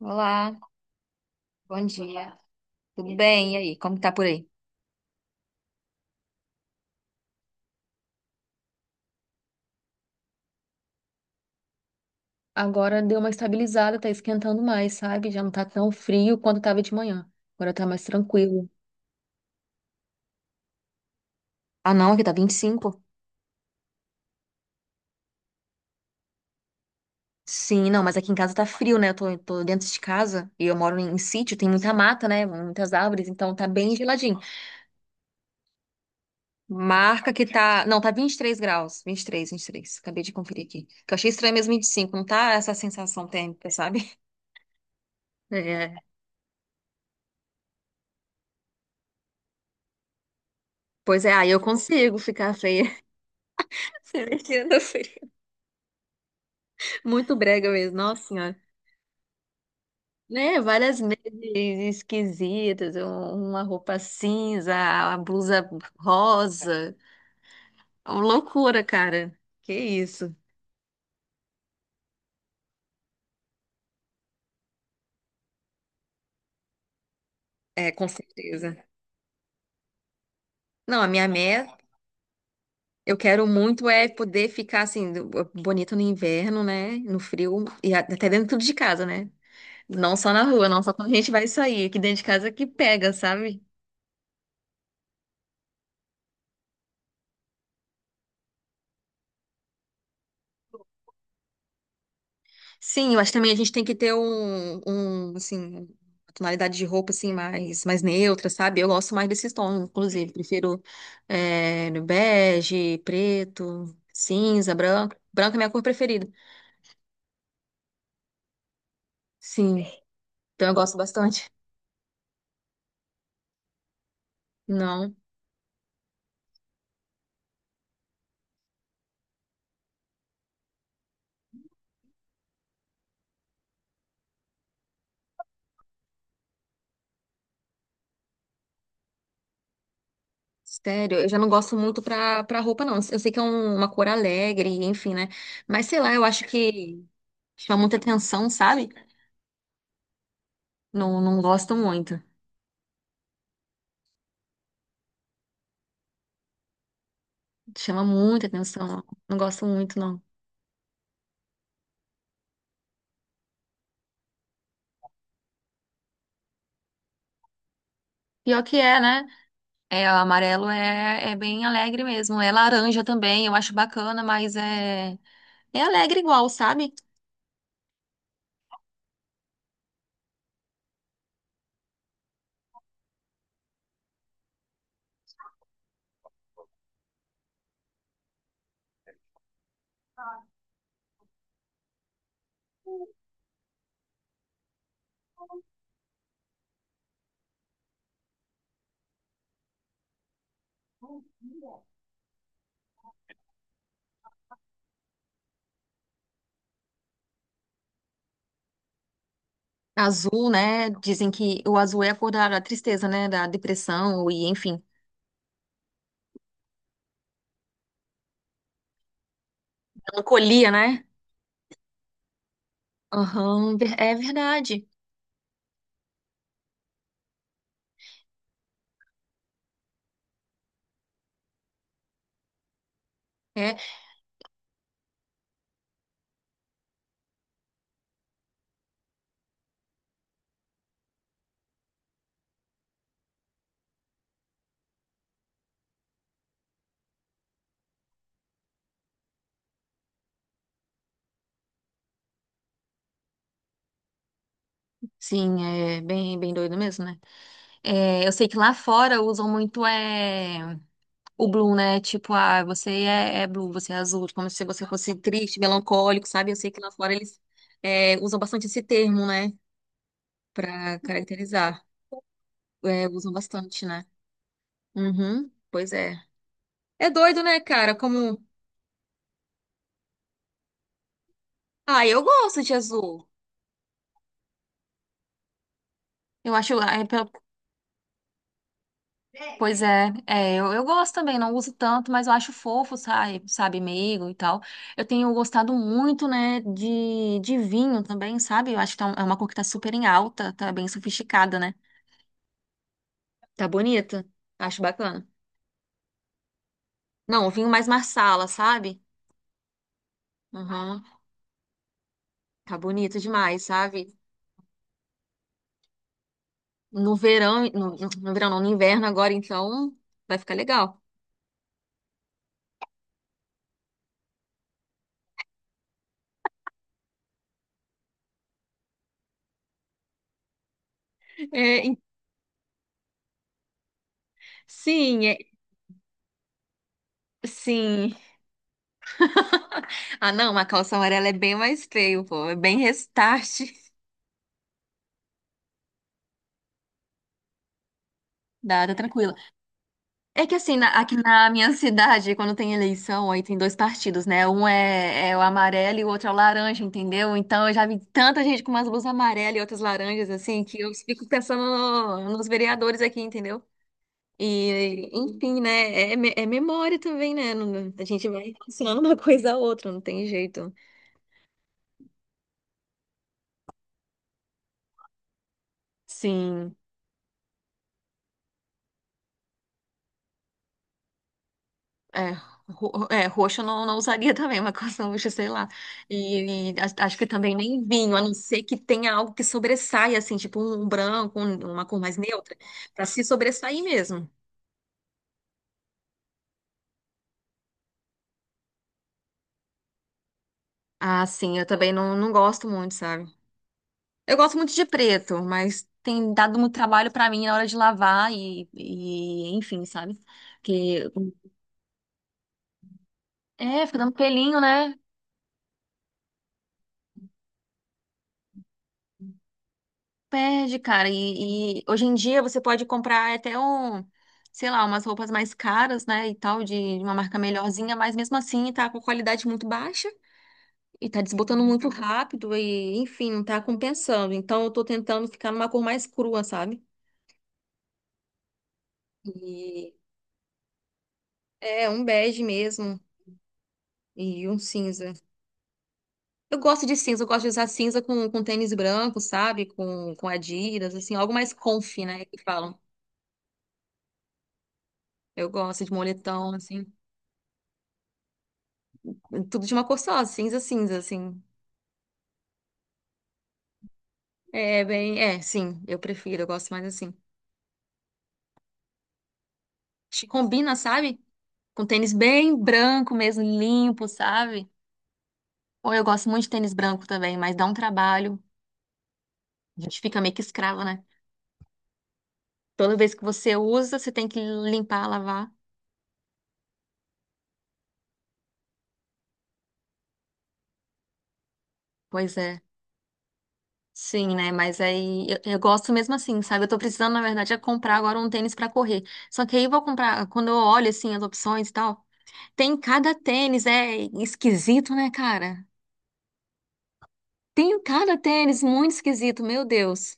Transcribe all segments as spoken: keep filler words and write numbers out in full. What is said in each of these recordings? Olá, bom dia. Tudo bem? E aí, como que tá por aí? Agora deu uma estabilizada, tá esquentando mais, sabe? Já não tá tão frio quanto tava de manhã. Agora tá mais tranquilo. Ah, não, aqui tá vinte e cinco. Sim, não, mas aqui em casa tá frio, né? Eu tô, tô dentro de casa e eu moro em sítio, tem muita mata, né? Muitas árvores, então tá bem geladinho. Marca que tá. Não, tá vinte e três graus. Vinte vinte e três, vinte e três. Acabei de conferir aqui. Que eu achei estranho mesmo vinte e cinco. Não tá essa sensação térmica, sabe? É. Pois é, aí eu consigo ficar feia. Você mexendo Muito brega mesmo, nossa senhora. Né? Várias meias esquisitas, um- uma roupa cinza, a blusa rosa. Uma loucura, cara. Que isso. É, com certeza. Não, a minha meta, eu quero muito é poder ficar assim, do- bonita no inverno, né? No frio, e a- até dentro de casa, né? Não só na rua, não só quando a gente vai sair. Aqui dentro de casa que pega, sabe? Sim, eu acho que também a gente tem que ter um, um assim, uma tonalidade de roupa, assim, mais, mais neutra, sabe? Eu gosto mais desses tons, inclusive. Prefiro é, bege, preto, cinza, branco. Branco é minha cor preferida. Sim, então eu gosto bastante. Não, sério, eu já não gosto muito pra, pra roupa, não. Eu sei que é um- uma cor alegre, enfim, né? Mas sei lá, eu acho que chama muita atenção, sabe? Não, não gosto muito. Chama muita atenção, não. Não gosto muito, não. Pior que é, né? É, o amarelo é, é bem alegre mesmo. É laranja também, eu acho bacana, mas é, é alegre igual, sabe? Azul, né? Dizem que o azul é a cor da, da tristeza, né? Da depressão e, enfim, melancolia, né? Aham, ver- é verdade. É, sim, é bem, bem doido mesmo, né? É, eu sei que lá fora usam muito é, o blue, né? Tipo, ah, você é, é blue, você é azul, como se você fosse triste, melancólico, sabe? Eu sei que lá fora eles é, usam bastante esse termo, né? Pra caracterizar. É, usam bastante, né? Uhum, pois é. É doido, né, cara? Como. Ah, eu gosto de azul. Eu acho, ah, é, pelo- pois é, é, eu, eu gosto também, não uso tanto, mas eu acho fofo, sabe, sabe, meigo e tal. Eu tenho gostado muito, né, de, de vinho também, sabe? Eu acho que tá um- é uma cor que tá super em alta, tá bem sofisticada, né? Tá bonita. Acho bacana. Não, o vinho mais Marsala, sabe? Uhum. Tá bonito demais, sabe? No verão, no, no- verão não, no inverno agora, então vai ficar legal. É, em- sim, é- sim. Ah, não, uma calça amarela é bem mais feio, pô. É bem restart. Dá, tá tranquilo. É que assim, na- aqui na minha cidade, quando tem eleição, aí tem dois partidos, né? Um é, é o amarelo e o outro é o laranja, entendeu? Então eu já vi tanta gente com umas blusas amarelas e outras laranjas, assim, que eu fico pensando no- nos vereadores aqui, entendeu? E, enfim, né? É, me- é memória também, né? não- A gente vai relacionando uma coisa a outra, não tem jeito. Sim. É, ro é, roxo eu não, não usaria também, uma coisa roxa, sei lá. E, e a- acho que também nem vinho, a não ser que tenha algo que sobressaia, assim, tipo um branco, um- uma cor mais neutra, pra se sobressair mesmo. Ah, sim, eu também não, não gosto muito, sabe? Eu gosto muito de preto, mas tem dado muito trabalho pra mim na hora de lavar e, e enfim, sabe? É, fica dando pelinho, né? Perde, cara. E, e hoje em dia você pode comprar até um, sei lá, umas roupas mais caras, né? E tal, de de uma marca melhorzinha, mas mesmo assim tá com qualidade muito baixa e tá desbotando muito rápido e, enfim, não tá compensando. Então eu tô tentando ficar numa cor mais crua, sabe? E é um bege mesmo e um cinza. Eu gosto de cinza, eu gosto de usar cinza com, com tênis branco, sabe? Com, com Adidas, assim, algo mais comfy, né? Que falam. Eu gosto de moletom, assim. Tudo de uma cor só, cinza, cinza, assim. É bem. É, sim, eu prefiro, eu gosto mais assim. Acho que combina, sabe? Com tênis bem branco mesmo, limpo, sabe? Ou eu gosto muito de tênis branco também, mas dá um trabalho. A gente fica meio que escravo, né? Toda vez que você usa, você tem que limpar, lavar. Pois é. Sim, né? Mas aí eu, eu gosto mesmo assim, sabe? Eu tô precisando, na verdade, é comprar agora um tênis pra correr. Só que aí eu vou comprar, quando eu olho assim as opções e tal, tem cada tênis, é esquisito, né, cara? Tem cada tênis muito esquisito, meu Deus.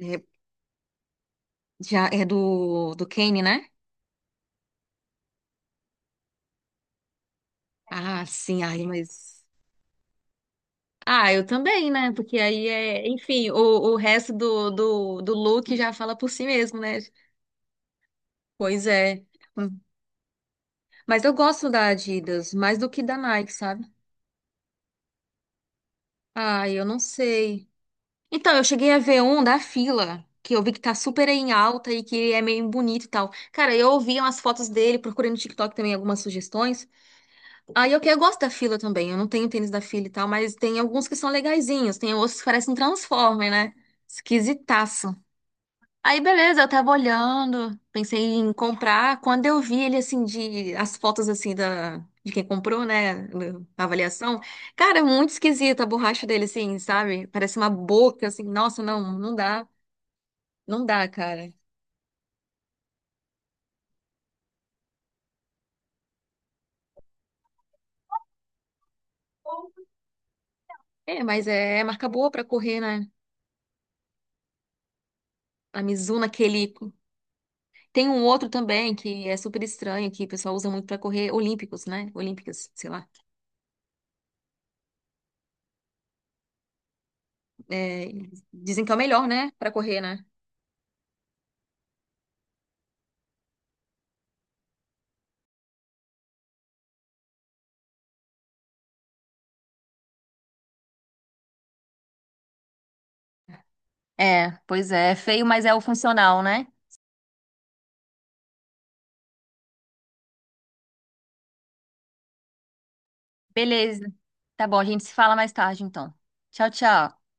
É, já é do, do Kanye, né? Ah, sim, ai, mas. Ah, eu também, né? Porque aí é. Enfim, o, o resto do, do, do look já fala por si mesmo, né? Pois é. Mas eu gosto da Adidas, mais do que da Nike, sabe? Ah, eu não sei. Então, eu cheguei a ver um da Fila, que eu vi que tá super em alta e que é meio bonito e tal. Cara, eu ouvi umas fotos dele, procurei no TikTok também algumas sugestões. Aí e eu, que- eu gosto da Fila também. Eu não tenho tênis da Fila e tal, mas tem alguns que são legaisinhos. Tem outros que parecem um Transformer, né? Esquisitaço. Aí, beleza, eu tava olhando, pensei em comprar. Quando eu vi ele, assim, de as fotos, assim, da, de quem comprou, né? A avaliação. Cara, é muito esquisita a borracha dele, assim, sabe? Parece uma boca, assim. Nossa, não, não dá. Não dá, cara. É, mas é marca boa pra correr, né? A Mizuno, aquele. Tem um outro também que é super estranho, que o pessoal usa muito pra correr olímpicos, né? Olímpicas, sei lá. É, dizem que é o melhor, né? Pra correr, né? É, pois é, é feio, mas é o funcional, né? Beleza. Tá bom, a gente se fala mais tarde, então. Tchau, tchau.